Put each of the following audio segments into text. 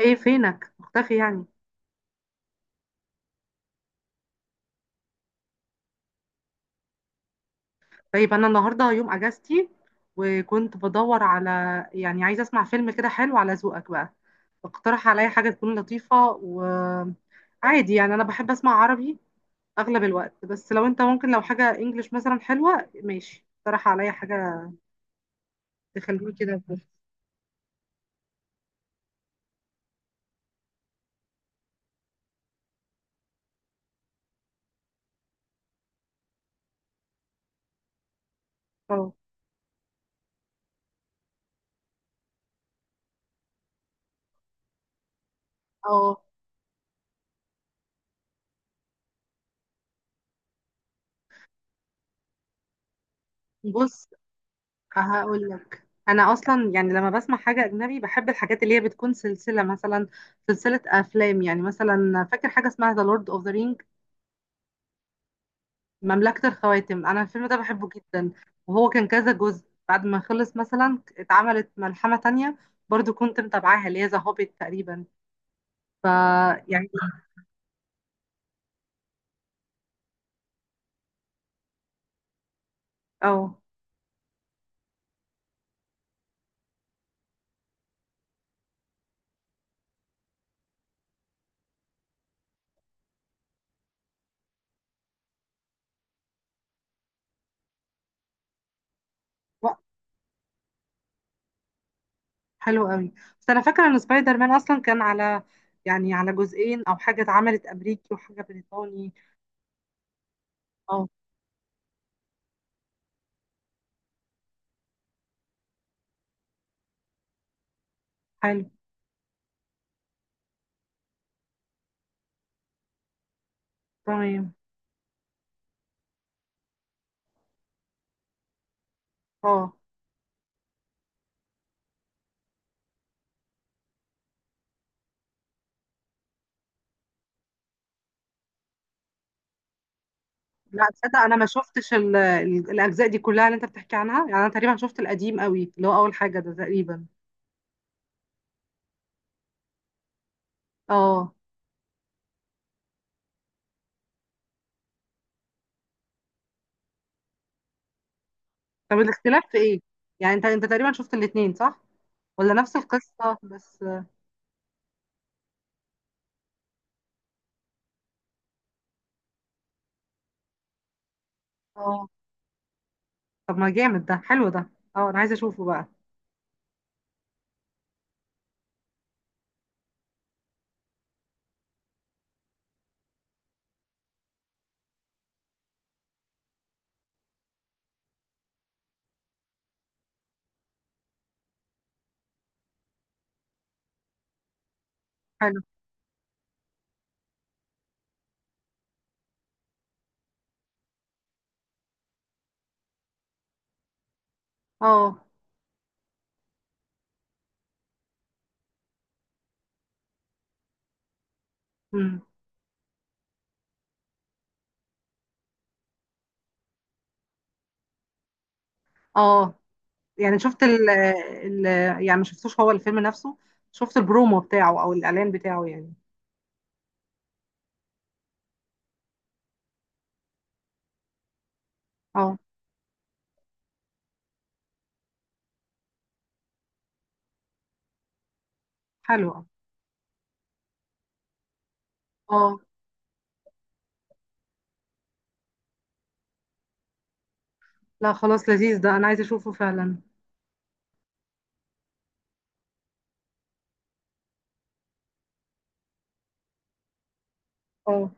ايه فينك مختفي يعني؟ طيب انا النهارده يوم اجازتي وكنت بدور على، يعني عايزه اسمع فيلم كده حلو على ذوقك بقى. اقترح عليا حاجه تكون لطيفه. وعادي يعني انا بحب اسمع عربي اغلب الوقت، بس لو انت ممكن لو حاجه انجليش مثلا حلوه ماشي اقترح عليا حاجه تخليني كده. بص، اه. آه، بص هقول لك انا اصلا يعني لما بسمع حاجه اجنبي بحب الحاجات اللي هي بتكون سلسله، مثلا سلسله افلام. يعني مثلا فاكر حاجه اسمها ذا لورد اوف ذا رينج، مملكة الخواتم. أنا الفيلم ده بحبه جدا. وهو كان كذا جزء، بعد ما خلص مثلا اتعملت ملحمة تانية برضو كنت متابعاها اللي هي ذا هوبيت تقريبا. ف يعني اه. و- حلو قوي. بس أنا فاكرة إن سبايدر مان أصلا كان على يعني على جزئين أو حاجة، اتعملت أمريكي وحاجة بريطاني. اه، حلو. تمام. اه، لا تصدق أنا ما شفتش الأجزاء دي كلها اللي أنت بتحكي عنها. يعني أنا تقريبا شفت القديم قوي اللي هو أول حاجة ده تقريبا. اه. طب الاختلاف في ايه؟ يعني انت تقريبا شفت الاتنين، صح؟ ولا نفس القصة بس؟ اه. طب ما جامد ده، حلو ده. اه انا عايزة اشوفه بقى. حلو. اه. امم اه، يعني شفت ال يعني ما شفتوش هو الفيلم نفسه، شفت البرومو بتاعه او الاعلان بتاعه يعني. اه، حلو. اه. آه. لا خلاص، لذيذ ده انا عايزة اشوفه فعلا. اه،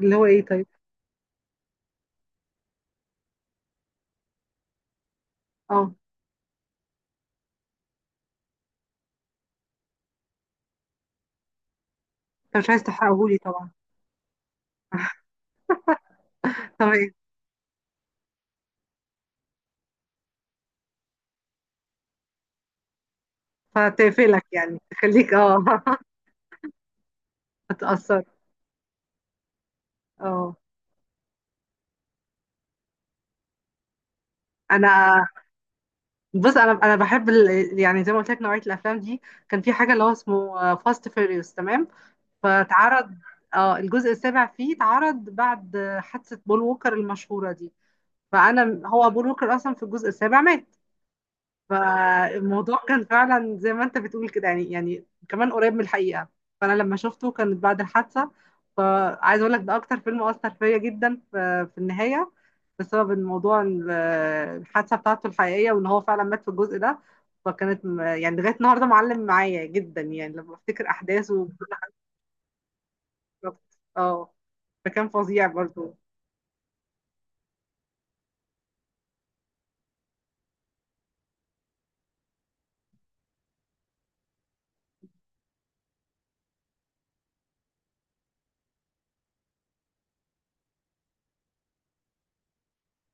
اللي هو ايه طيب؟ اه، انت مش عايز تحرقهولي طبعا. تمام. فتقفلك يعني، تخليك اه. هتأثر. اه. انا، بص انا بحب ال... يعني زي ما قلت لك نوعيه الافلام دي. كان في حاجه اللي هو اسمه فاست فيريوس، تمام؟ فتعرض، اه، الجزء السابع فيه اتعرض بعد حادثه بول ووكر المشهوره دي. فانا، هو بول ووكر اصلا في الجزء السابع مات. فالموضوع كان فعلا زي ما انت بتقول كده، يعني كمان قريب من الحقيقة. فانا لما شفته كانت بعد الحادثة. فعايز اقول لك ده اكتر فيلم اثر فيا جدا في النهاية، بسبب الموضوع الحادثة بتاعته الحقيقية، وان هو فعلا مات في الجزء ده. فكانت يعني لغاية النهاردة معلم معايا جدا يعني لما افتكر احداثه وكل حاجة. اه. فكان فظيع برضو.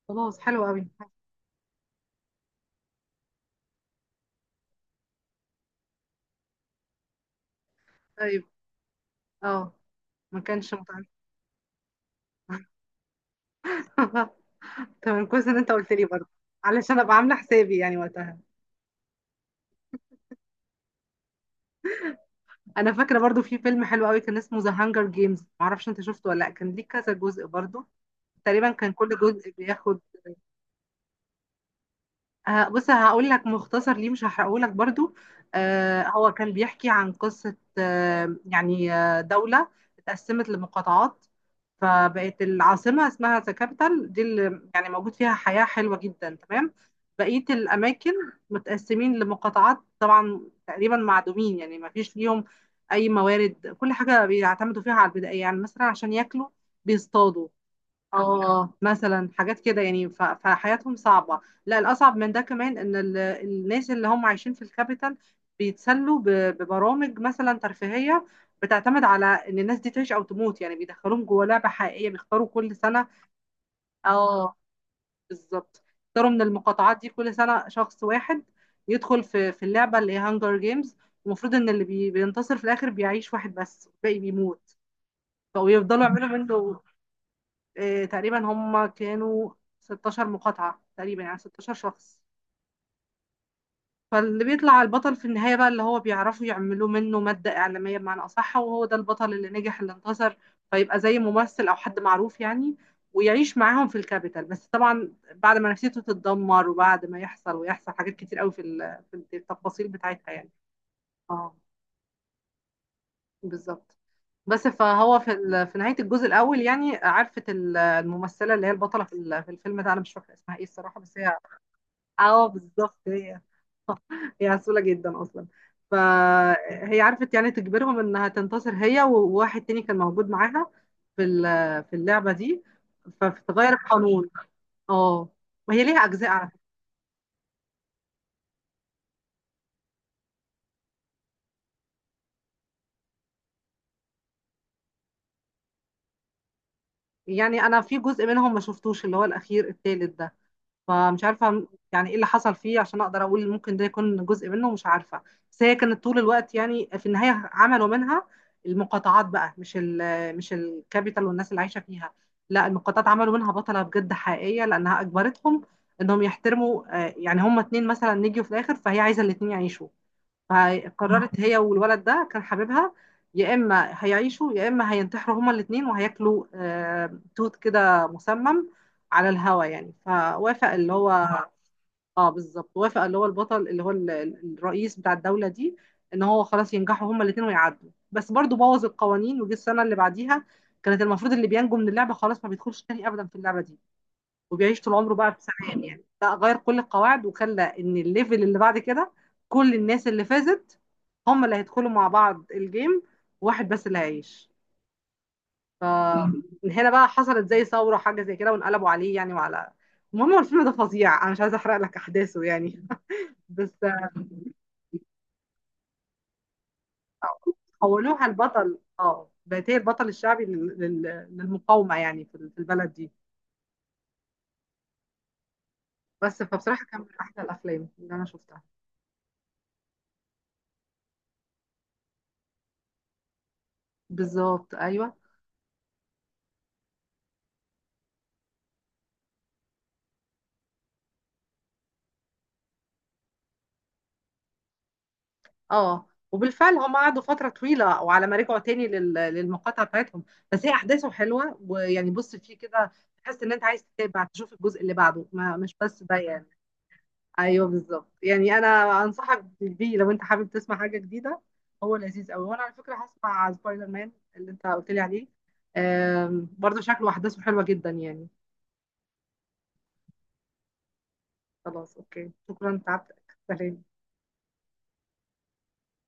خلاص حلو قوي. طيب، اه، ما كانش متعب. تمام، كويس ان انت قلت لي برضه علشان ابقى عامله حسابي يعني وقتها. انا فاكره برضه في فيلم حلو قوي كان اسمه ذا هانجر جيمز، معرفش انت شفته ولا لا. كان ليه كذا جزء برضه، تقريبا كان كل جزء بياخد. بص هقول لك مختصر ليه، مش هحرقه لك برضو. آه هو كان بيحكي عن قصة، آه يعني آه دولة اتقسمت لمقاطعات. فبقت العاصمة اسمها ذا كابيتال دي اللي يعني موجود فيها حياة حلوة جدا، تمام. بقية الأماكن متقسمين لمقاطعات طبعا، تقريبا معدومين يعني ما فيش ليهم أي موارد. كل حاجة بيعتمدوا فيها على البدائية، يعني مثلا عشان ياكلوا بيصطادوا. اه مثلا حاجات كده يعني. فحياتهم صعبة. لا الأصعب من ده كمان إن الناس اللي هم عايشين في الكابيتال بيتسلوا ببرامج مثلا ترفيهية، بتعتمد على إن الناس دي تعيش أو تموت. يعني بيدخلوهم جوه لعبة حقيقية، بيختاروا كل سنة. اه بالظبط، بيختاروا من المقاطعات دي كل سنة شخص واحد يدخل في اللعبة اللي هي هانجر جيمز. المفروض إن اللي بينتصر في الآخر بيعيش، واحد بس والباقي بيموت. فبيفضلوا يعملوا منه، تقريبا هم كانوا 16 مقاطعة، تقريبا يعني 16 شخص. فاللي بيطلع البطل في النهاية بقى اللي هو بيعرفوا يعملوا منه مادة إعلامية بمعنى أصح، وهو ده البطل اللي نجح اللي انتصر. فيبقى زي ممثل أو حد معروف يعني، ويعيش معاهم في الكابيتال، بس طبعا بعد ما نفسيته تتدمر وبعد ما يحصل ويحصل حاجات كتير قوي في في التفاصيل بتاعتها يعني. اه بالظبط. بس فهو في في نهاية الجزء الأول، يعني عرفت الممثلة اللي هي البطلة في في الفيلم ده، أنا مش فاكرة اسمها إيه الصراحة بس هي. اه بالظبط هي. هي عسولة جدا اصلا. فهي عرفت يعني تجبرهم انها تنتصر هي وواحد تاني كان موجود معاها في في اللعبة دي. فتغير القانون. اه. وهي ليها اجزاء على فكرة. يعني انا في جزء منهم ما شفتوش اللي هو الاخير التالت ده، فمش عارفة يعني ايه اللي حصل فيه عشان اقدر اقول ممكن ده يكون جزء منه، مش عارفة. بس هي كانت طول الوقت يعني، في النهاية عملوا منها المقاطعات بقى، مش الكابيتال والناس اللي عايشة فيها، لا المقاطعات عملوا منها بطلة بجد حقيقية، لانها اجبرتهم انهم يحترموا، يعني هما اتنين مثلا نجوا في الاخر فهي عايزة الاتنين يعيشوا. قررت هي والولد ده كان حبيبها، يا اما هيعيشوا يا اما هينتحروا هما الاثنين، وهياكلوا توت كده مسمم على الهوا يعني. فوافق اللي هو، اه بالظبط، وافق اللي هو البطل اللي هو الرئيس بتاع الدولة دي، ان هو خلاص ينجحوا هما الاثنين ويعدوا. بس برضو بوظ القوانين، وجه السنة اللي بعديها كانت المفروض اللي بينجو من اللعبة خلاص ما بيدخلش تاني ابدا في اللعبة دي وبيعيش طول عمره بقى في سلام يعني، لا غير كل القواعد وخلى ان الليفل اللي بعد كده كل الناس اللي فازت هم اللي هيدخلوا مع بعض الجيم، واحد بس اللي هيعيش. فمن هنا بقى حصلت زي ثورة حاجة زي كده، وانقلبوا عليه يعني وعلى، المهم هو الفيلم ده فظيع انا مش عايزة احرق لك احداثه يعني. بس حولوها البطل، اه بقت هي البطل الشعبي للمقاومة يعني في البلد دي. بس فبصراحة كان من احلى الافلام اللي انا شفتها. بالظبط ايوه. اه وبالفعل هم قعدوا فترة طويلة، وعلى ما رجعوا تاني للمقاطعة بتاعتهم. بس هي أحداثه حلوة، ويعني بص فيه كده، تحس إن أنت عايز تتابع تشوف الجزء اللي بعده، ما مش بس ده يعني. أيوه بالظبط يعني، أنا أنصحك بيه لو أنت حابب تسمع حاجة جديدة. هو لذيذ أوي. وأنا على فكرة هسمع سبايدر مان اللي أنت قلت لي عليه، برضه شكله أحداثه حلوة جدا يعني. خلاص أوكي، شكرا تعبتك. سلام.